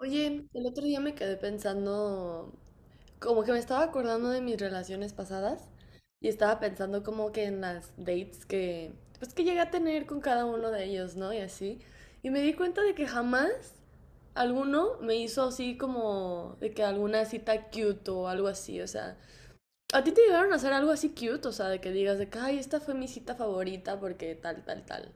Oye, el otro día me quedé pensando, como que me estaba acordando de mis relaciones pasadas y estaba pensando como que en las dates que, pues que llegué a tener con cada uno de ellos, ¿no? Y así. Y me di cuenta de que jamás alguno me hizo así como de que alguna cita cute o algo así, o sea, ¿a ti te llegaron a hacer algo así cute? O sea, de que digas de que, ay, esta fue mi cita favorita porque tal, tal, tal.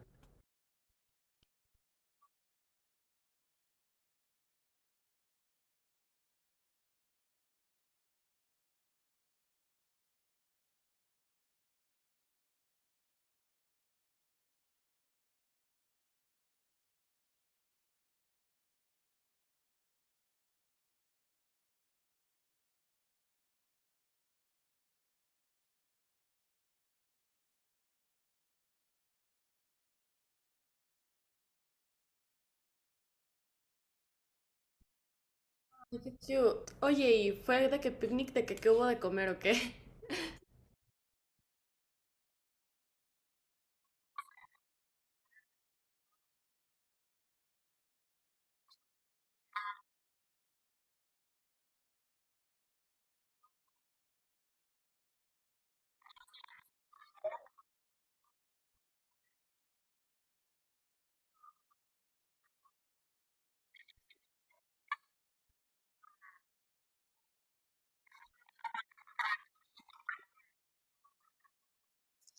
Ay, qué cute. Oye, ¿y fue de que picnic, de que qué hubo de comer o qué?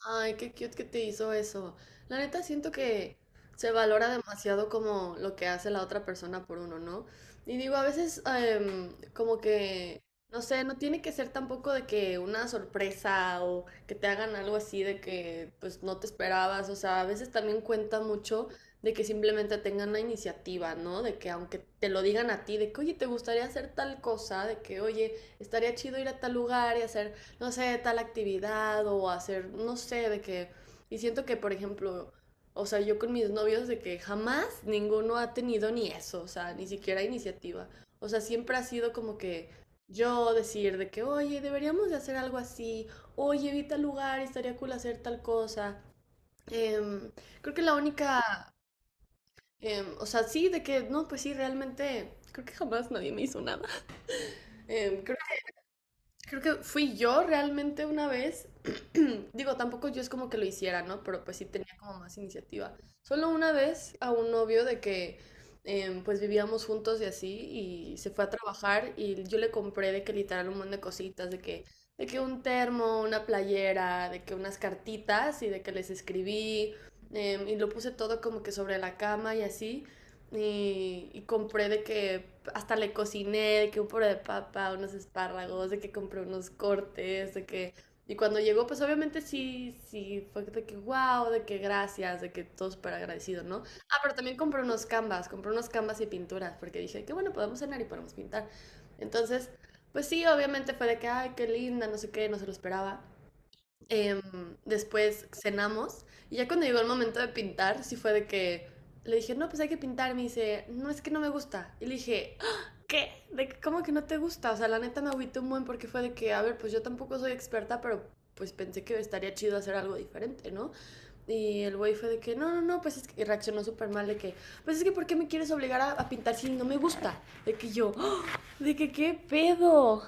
Ay, qué cute que te hizo eso. La neta siento que se valora demasiado como lo que hace la otra persona por uno, ¿no? Y digo, a veces como que, no sé, no tiene que ser tampoco de que una sorpresa o que te hagan algo así de que pues no te esperabas. O sea, a veces también cuenta mucho de que simplemente tengan la iniciativa, ¿no? De que aunque te lo digan a ti, de que, oye, ¿te gustaría hacer tal cosa? De que, oye, estaría chido ir a tal lugar y hacer no sé, tal actividad o hacer, no sé, de que. Y siento que, por ejemplo, o sea, yo con mis novios de que jamás ninguno ha tenido ni eso, o sea, ni siquiera iniciativa. O sea, siempre ha sido como que yo decir de que, oye, deberíamos de hacer algo así, oye, vi tal lugar, estaría cool hacer tal cosa. Em, creo que la única, o sea, sí, de que, no, pues sí, realmente, creo que jamás nadie me hizo nada. Em, creo Creo que fui yo realmente una vez. Digo, tampoco yo es como que lo hiciera, ¿no? Pero pues sí tenía como más iniciativa. Solo una vez a un novio de que pues vivíamos juntos y así y se fue a trabajar y yo le compré de que literal un montón de cositas, de que un termo, una playera, de que unas cartitas y de que les escribí y lo puse todo como que sobre la cama y así. Y compré de que hasta le cociné, de que un puré de papa, unos espárragos, de que compré unos cortes, de que. Y cuando llegó, pues obviamente sí, sí, fue de que wow, de que gracias, de que todo súper agradecido, ¿no? Ah, pero también compré unos canvas y pinturas, porque dije, qué bueno, podemos cenar y podemos pintar. Entonces, pues sí, obviamente fue de que, ay, qué linda, no sé qué, no se lo esperaba. Em, después cenamos y ya cuando llegó el momento de pintar, sí fue de que le dije, no, pues hay que pintar. Me dice, no, es que no me gusta. Y le dije, "Ah, ¿qué? ¿De que- cómo que no te gusta?" O sea, la neta me agüité un buen porque fue de que, a ver, pues yo tampoco soy experta, pero pues pensé que estaría chido hacer algo diferente, ¿no? Y el güey fue de que, no, no, no, pues es que y reaccionó súper mal de que, pues es que, ¿por qué me quieres obligar a pintar si no me gusta? De que yo, "Ah, de que qué pedo."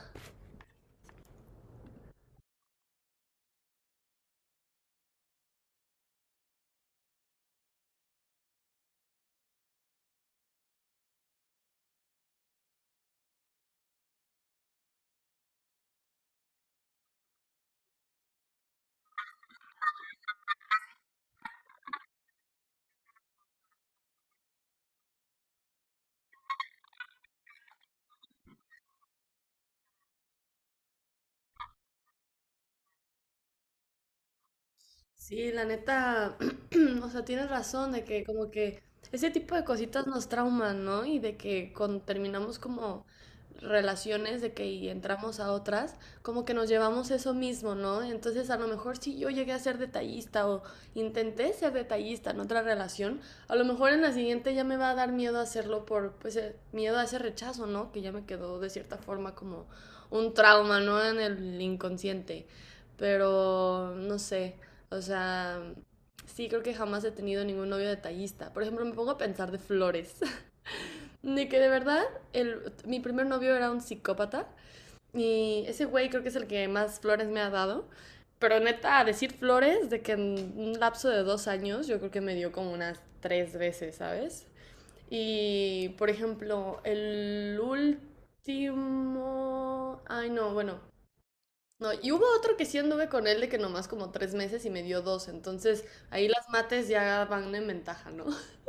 Sí, la neta, o sea, tienes razón de que como que ese tipo de cositas nos trauman, ¿no? Y de que cuando terminamos como relaciones de que y entramos a otras, como que nos llevamos eso mismo, ¿no? Entonces, a lo mejor si yo llegué a ser detallista o intenté ser detallista en otra relación, a lo mejor en la siguiente ya me va a dar miedo hacerlo por, pues, miedo a ese rechazo, ¿no? Que ya me quedó de cierta forma como un trauma, ¿no? En el inconsciente. Pero, no sé. O sea, sí, creo que jamás he tenido ningún novio detallista. Por ejemplo, me pongo a pensar de flores. De que de verdad, mi primer novio era un psicópata. Y ese güey creo que es el que más flores me ha dado. Pero neta, a decir flores, de que en un lapso de dos años, yo creo que me dio como unas tres veces, ¿sabes? Y, por ejemplo, el último. Ay, no, bueno, no, y hubo otro que sí anduve con él de que nomás como tres meses y me dio dos, entonces ahí las mates ya van en ventaja, ¿no?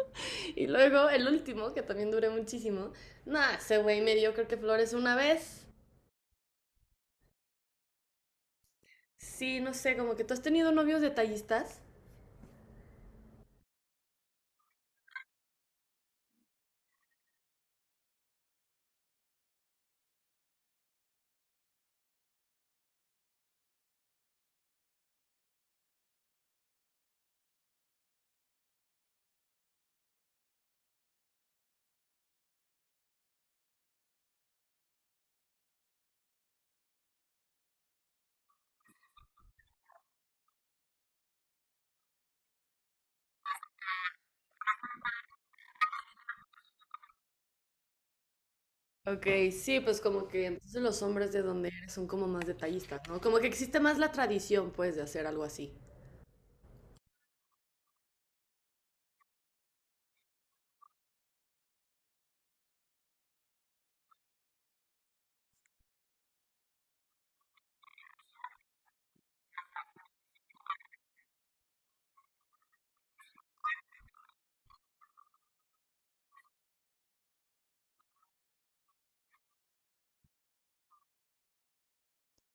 Y luego el último, que también duré muchísimo, nada, ese güey me dio creo que flores una vez. Sí, no sé, como que tú has tenido novios detallistas. Ok, sí, pues como que entonces los hombres de donde eres son como más detallistas, ¿no? Como que existe más la tradición, pues, de hacer algo así.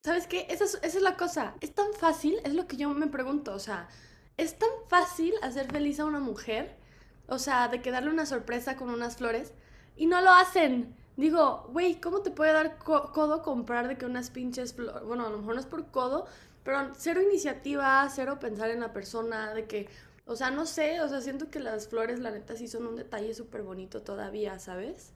¿Sabes qué? Esa es la cosa. Es tan fácil, es lo que yo me pregunto. O sea, es tan fácil hacer feliz a una mujer, o sea, de que darle una sorpresa con unas flores, y no lo hacen. Digo, güey, ¿cómo te puede dar codo comprar de que unas pinches flores? Bueno, a lo mejor no es por codo, pero cero iniciativa, cero pensar en la persona, de que, o sea, no sé, o sea, siento que las flores, la neta, sí son un detalle súper bonito todavía, ¿sabes?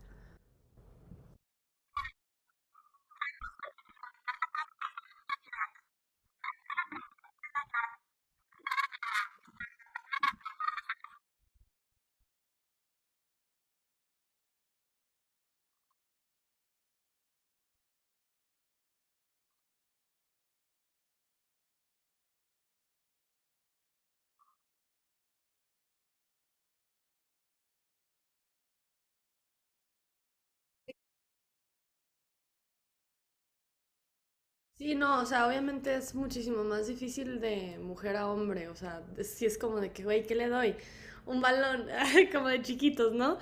Sí, no, o sea, obviamente es muchísimo más difícil de mujer a hombre, o sea, si es como de que, güey, ¿qué le doy? Un balón, como de chiquitos, ¿no?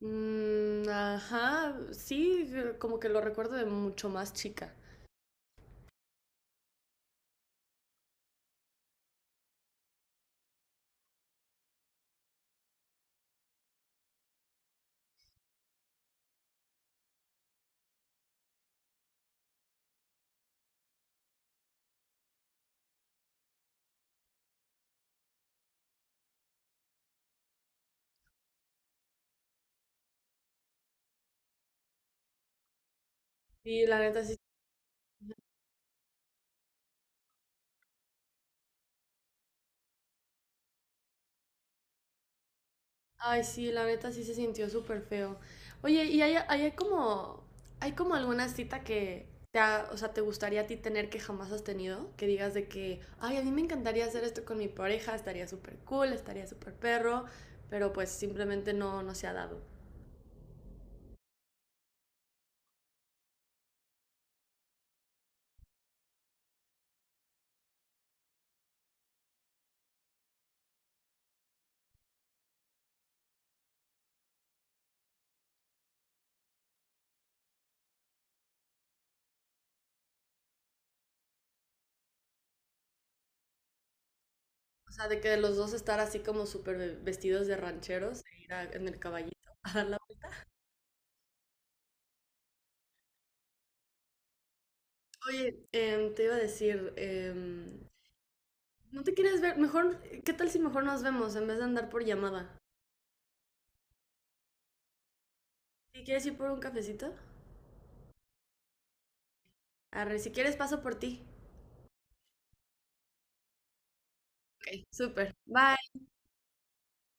Mm, ajá, sí, como que lo recuerdo de mucho más chica. Y la neta sí Ay, sí, la neta sí se sintió súper feo. Oye, ¿y hay como alguna cita que te, o sea, te gustaría a ti tener que jamás has tenido? Que digas de que, ay, a mí me encantaría hacer esto con mi pareja, estaría súper cool, estaría súper perro, pero pues simplemente no se ha dado. O sea, de que de los dos estar así como súper vestidos de rancheros e ir en el caballito a dar la vuelta. Oye, te iba a decir, ¿no te quieres ver? Mejor, ¿qué tal si mejor nos vemos en vez de andar por llamada? ¿Sí quieres ir por un cafecito? Arre, si quieres paso por ti. Ok. Súper. Bye.